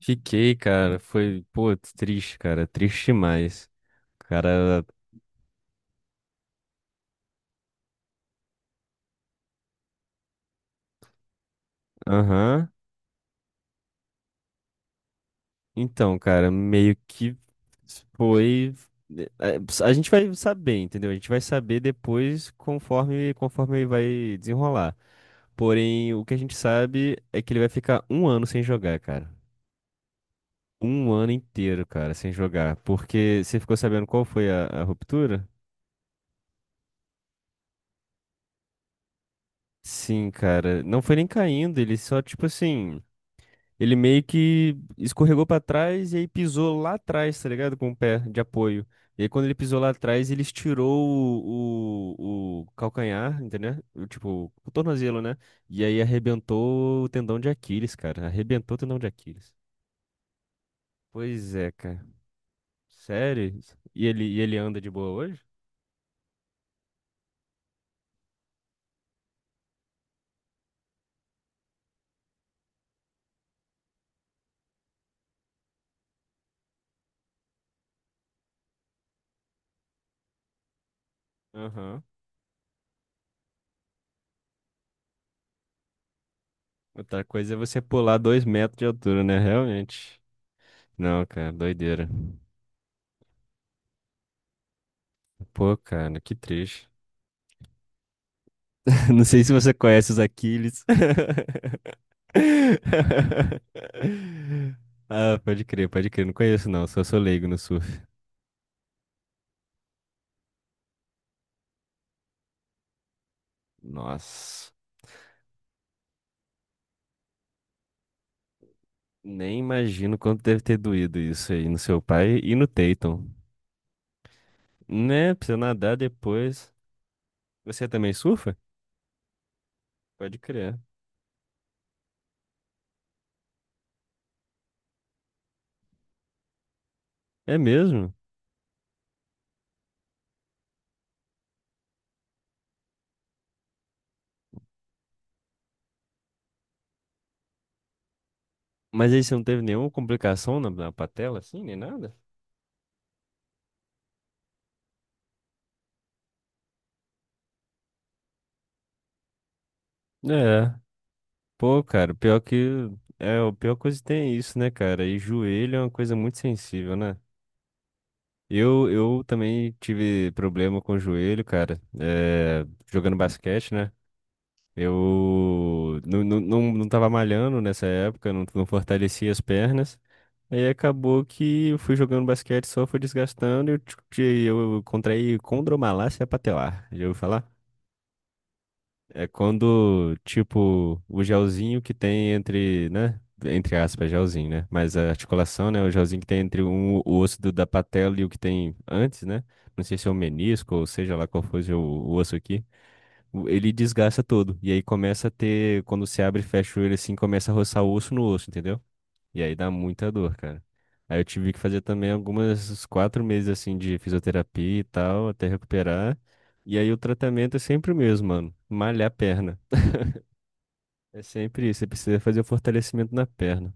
Fiquei, cara. Foi, pô, triste, cara. Triste demais. Cara, aham. Então, cara, meio que foi. eh, A gente vai saber, entendeu? A gente vai saber depois conforme vai desenrolar. Porém, o que a gente sabe é que ele vai ficar um ano sem jogar, cara. Um ano inteiro, cara, sem jogar. Porque você ficou sabendo qual foi a ruptura? Sim, cara. Não foi nem caindo, ele só, tipo assim. Ele meio que escorregou pra trás e aí pisou lá atrás, tá ligado? Com o pé de apoio. E aí, quando ele pisou lá atrás, ele estirou o calcanhar, entendeu? O, tipo, o tornozelo, né? E aí arrebentou o tendão de Aquiles, cara. Arrebentou o tendão de Aquiles. Pois é, cara. Sério? E ele anda de boa hoje? Aham. Outra coisa é você pular dois metros de altura, né? Realmente. Não, cara, doideira. Pô, cara, que triste. Não sei se você conhece os Aquiles. Ah, pode crer, pode crer. Não conheço, não. Só sou leigo no surf. Nossa, nem imagino quanto deve ter doído isso aí no seu pai e no Tatum. Né? Pra você nadar depois. Você também surfa? Pode crer. É mesmo? Mas aí você não teve nenhuma complicação na, na patela, assim, nem nada? É. Pô, cara, pior que. É, o pior coisa que tem é isso, né, cara? E joelho é uma coisa muito sensível, né? Eu também tive problema com o joelho, cara, jogando basquete, né? Eu não tava malhando nessa época, não, não fortalecia as pernas. Aí acabou que eu fui jogando basquete, só foi desgastando e eu contraí condromalácia patelar. Já ouviu falar? É quando, tipo, o gelzinho que tem entre, né? Entre aspas, gelzinho, né? Mas a articulação, né? O gelzinho que tem entre um, o da patela e o que tem antes, né? Não sei se é o menisco ou seja lá qual fosse o osso aqui. Ele desgasta todo. E aí começa a ter, quando se abre e fecha ele assim, começa a roçar o osso no osso, entendeu? E aí dá muita dor, cara. Aí eu tive que fazer também algumas uns quatro meses assim de fisioterapia e tal, até recuperar. E aí o tratamento é sempre o mesmo, mano. Malhar a perna. É sempre isso, você precisa fazer o fortalecimento na perna.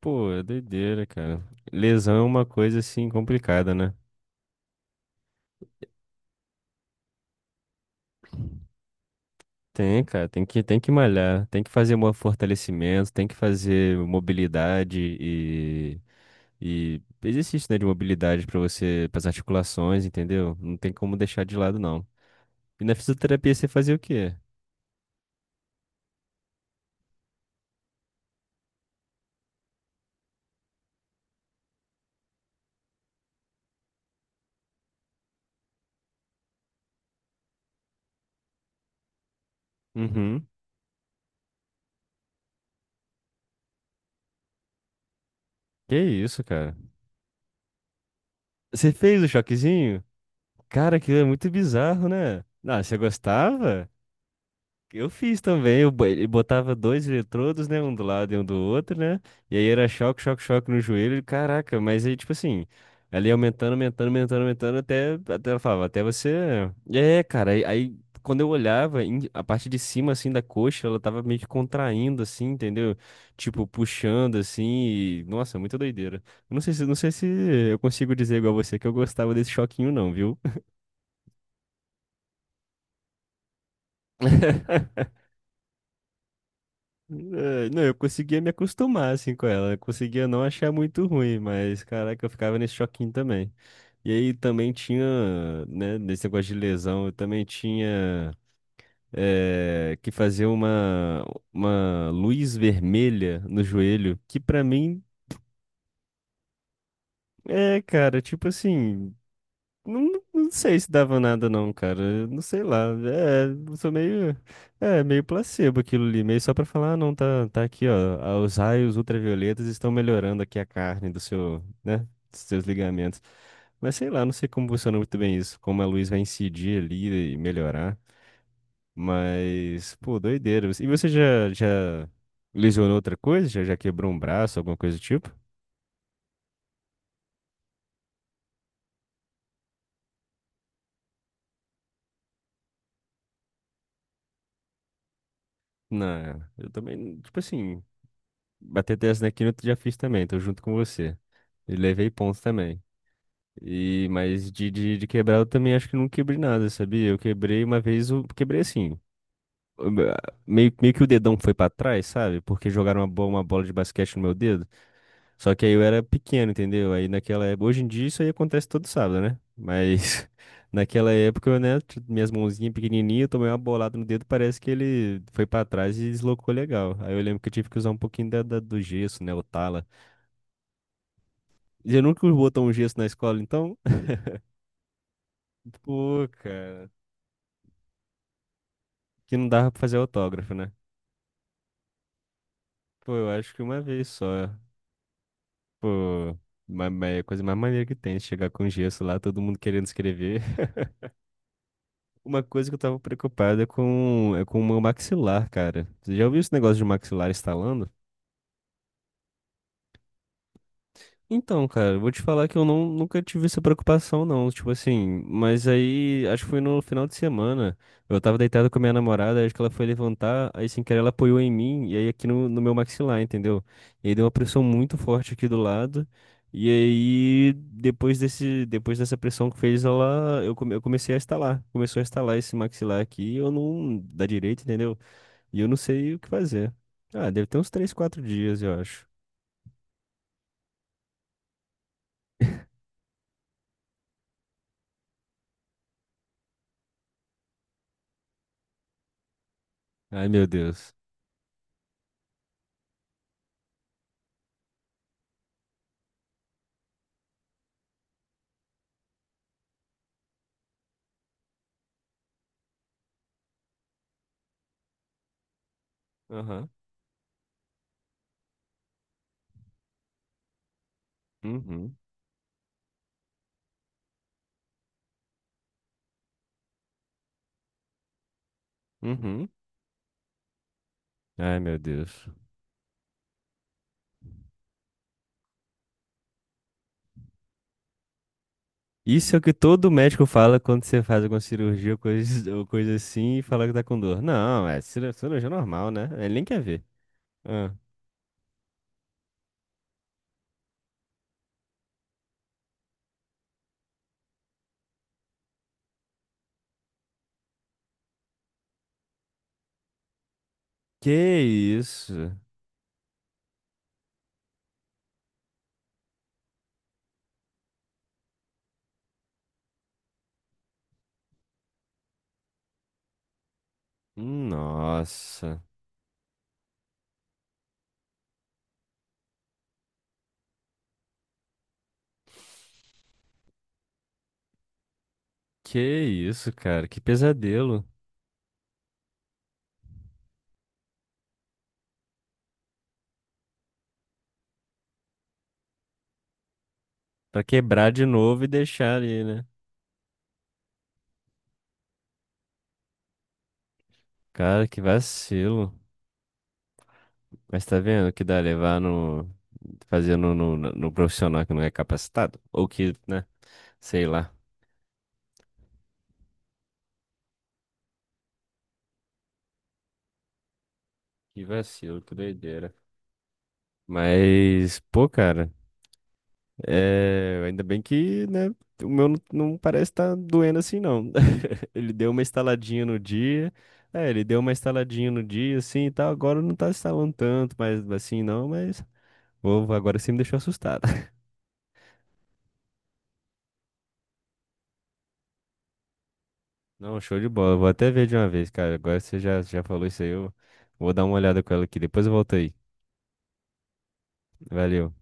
Pô, é doideira, cara. Lesão é uma coisa assim complicada, né? Tem, cara, tem que malhar, tem que fazer fortalecimento, tem que fazer mobilidade e exercício, né, de mobilidade pra você, para articulações, entendeu? Não tem como deixar de lado, não. E na fisioterapia você fazia o quê? Uhum. Que isso, cara? Você fez o choquezinho? Cara, aquilo é muito bizarro, né? Ah, você gostava? Eu fiz também, ele botava dois eletrodos, né, um do lado e um do outro, né, e aí era choque, choque, choque no joelho, e caraca, mas aí, tipo assim, ela ia aumentando, até, até ela falava, até você... É, cara, aí quando eu olhava, a parte de cima, assim, da coxa, ela tava meio que contraindo, assim, entendeu? Tipo, puxando, assim, e... Nossa, muita doideira. Eu não sei se eu consigo dizer igual você que eu gostava desse choquinho, não, viu? É, não, eu conseguia me acostumar assim com ela, eu conseguia não achar muito ruim, mas caraca, eu ficava nesse choquinho também. E aí também tinha, né, nesse negócio de lesão, eu também tinha que fazer uma luz vermelha no joelho, que pra mim é, cara, tipo assim. Não, não sei se dava nada não, cara. Não sei lá. É, eu sou meio, é, meio placebo aquilo ali, meio só pra falar, ah, não, tá, tá aqui, ó. Ah, Os raios ultravioletas estão melhorando aqui a carne do seu, né, dos seus ligamentos. Mas sei lá, não sei como funciona muito bem isso, como a luz vai incidir ali e melhorar. Mas, pô, doideira. E você já lesionou outra coisa? Já, já quebrou um braço, alguma coisa do tipo? Não, eu também, tipo assim, bater 10 na quina eu já fiz também, tô junto com você. E levei pontos também. E, mas de quebrar eu também acho que não quebrei nada, sabia? Eu quebrei uma vez, eu quebrei assim. eu- meio que o dedão foi pra trás, sabe? Porque jogaram uma bola de basquete no meu dedo. Só que aí eu era pequeno, entendeu? Aí naquela época. Hoje em dia isso aí acontece todo sábado, né? Mas naquela época, eu, né? Minhas mãozinhas pequenininhas, eu tomei uma bolada no dedo, parece que ele foi pra trás e deslocou legal. Aí eu lembro que eu tive que usar um pouquinho do gesso, né? O tala. Você nunca botou um gesso na escola, então? Pô, cara. Que não dava pra fazer autógrafo, né? Pô, eu acho que uma vez só. Pô, é a coisa mais maneira que tem, chegar com gesso lá, todo mundo querendo escrever. Uma coisa que eu tava preocupado é com o meu maxilar, cara. Você já ouviu esse negócio de maxilar estalando? Então, cara, eu vou te falar que eu não, nunca tive essa preocupação, não. Tipo assim, mas aí, acho que foi no final de semana. Eu tava deitado com a minha namorada, acho que ela foi levantar, aí sem querer ela apoiou em mim, e aí aqui no, no meu maxilar, entendeu? E aí deu uma pressão muito forte aqui do lado. E aí, depois dessa pressão que fez, ela, eu comecei a estalar. Começou a estalar esse maxilar aqui, e eu não, da direita, entendeu? E eu não sei o que fazer. Ah, deve ter uns 3, 4 dias, eu acho. Ai, meu Deus. Aham. Uhum, uhum. Ai, meu Deus. Isso é o que todo médico fala quando você faz alguma cirurgia ou coisa assim e fala que tá com dor. Não, cirurgia normal, né? Ele nem quer ver. Ah, que isso? Nossa. Que isso, cara? Que pesadelo. Pra quebrar de novo e deixar ali, né? Cara, que vacilo. Mas tá vendo que dá levar no. Fazer no, no profissional que não é capacitado? Ou que, né? Sei lá. Que vacilo, que doideira. Mas, pô, cara, é... ainda bem que, né, o meu não, não parece estar doendo assim, não. Ele deu uma estaladinha no dia, ele deu uma estaladinha no dia, assim, e tal, agora não tá estalando tanto, mas assim, não, mas... Vou, agora você me deixou assustado. Não, show de bola, vou até ver de uma vez, cara, agora você já falou isso aí, eu vou dar uma olhada com ela aqui, depois eu volto aí. Valeu.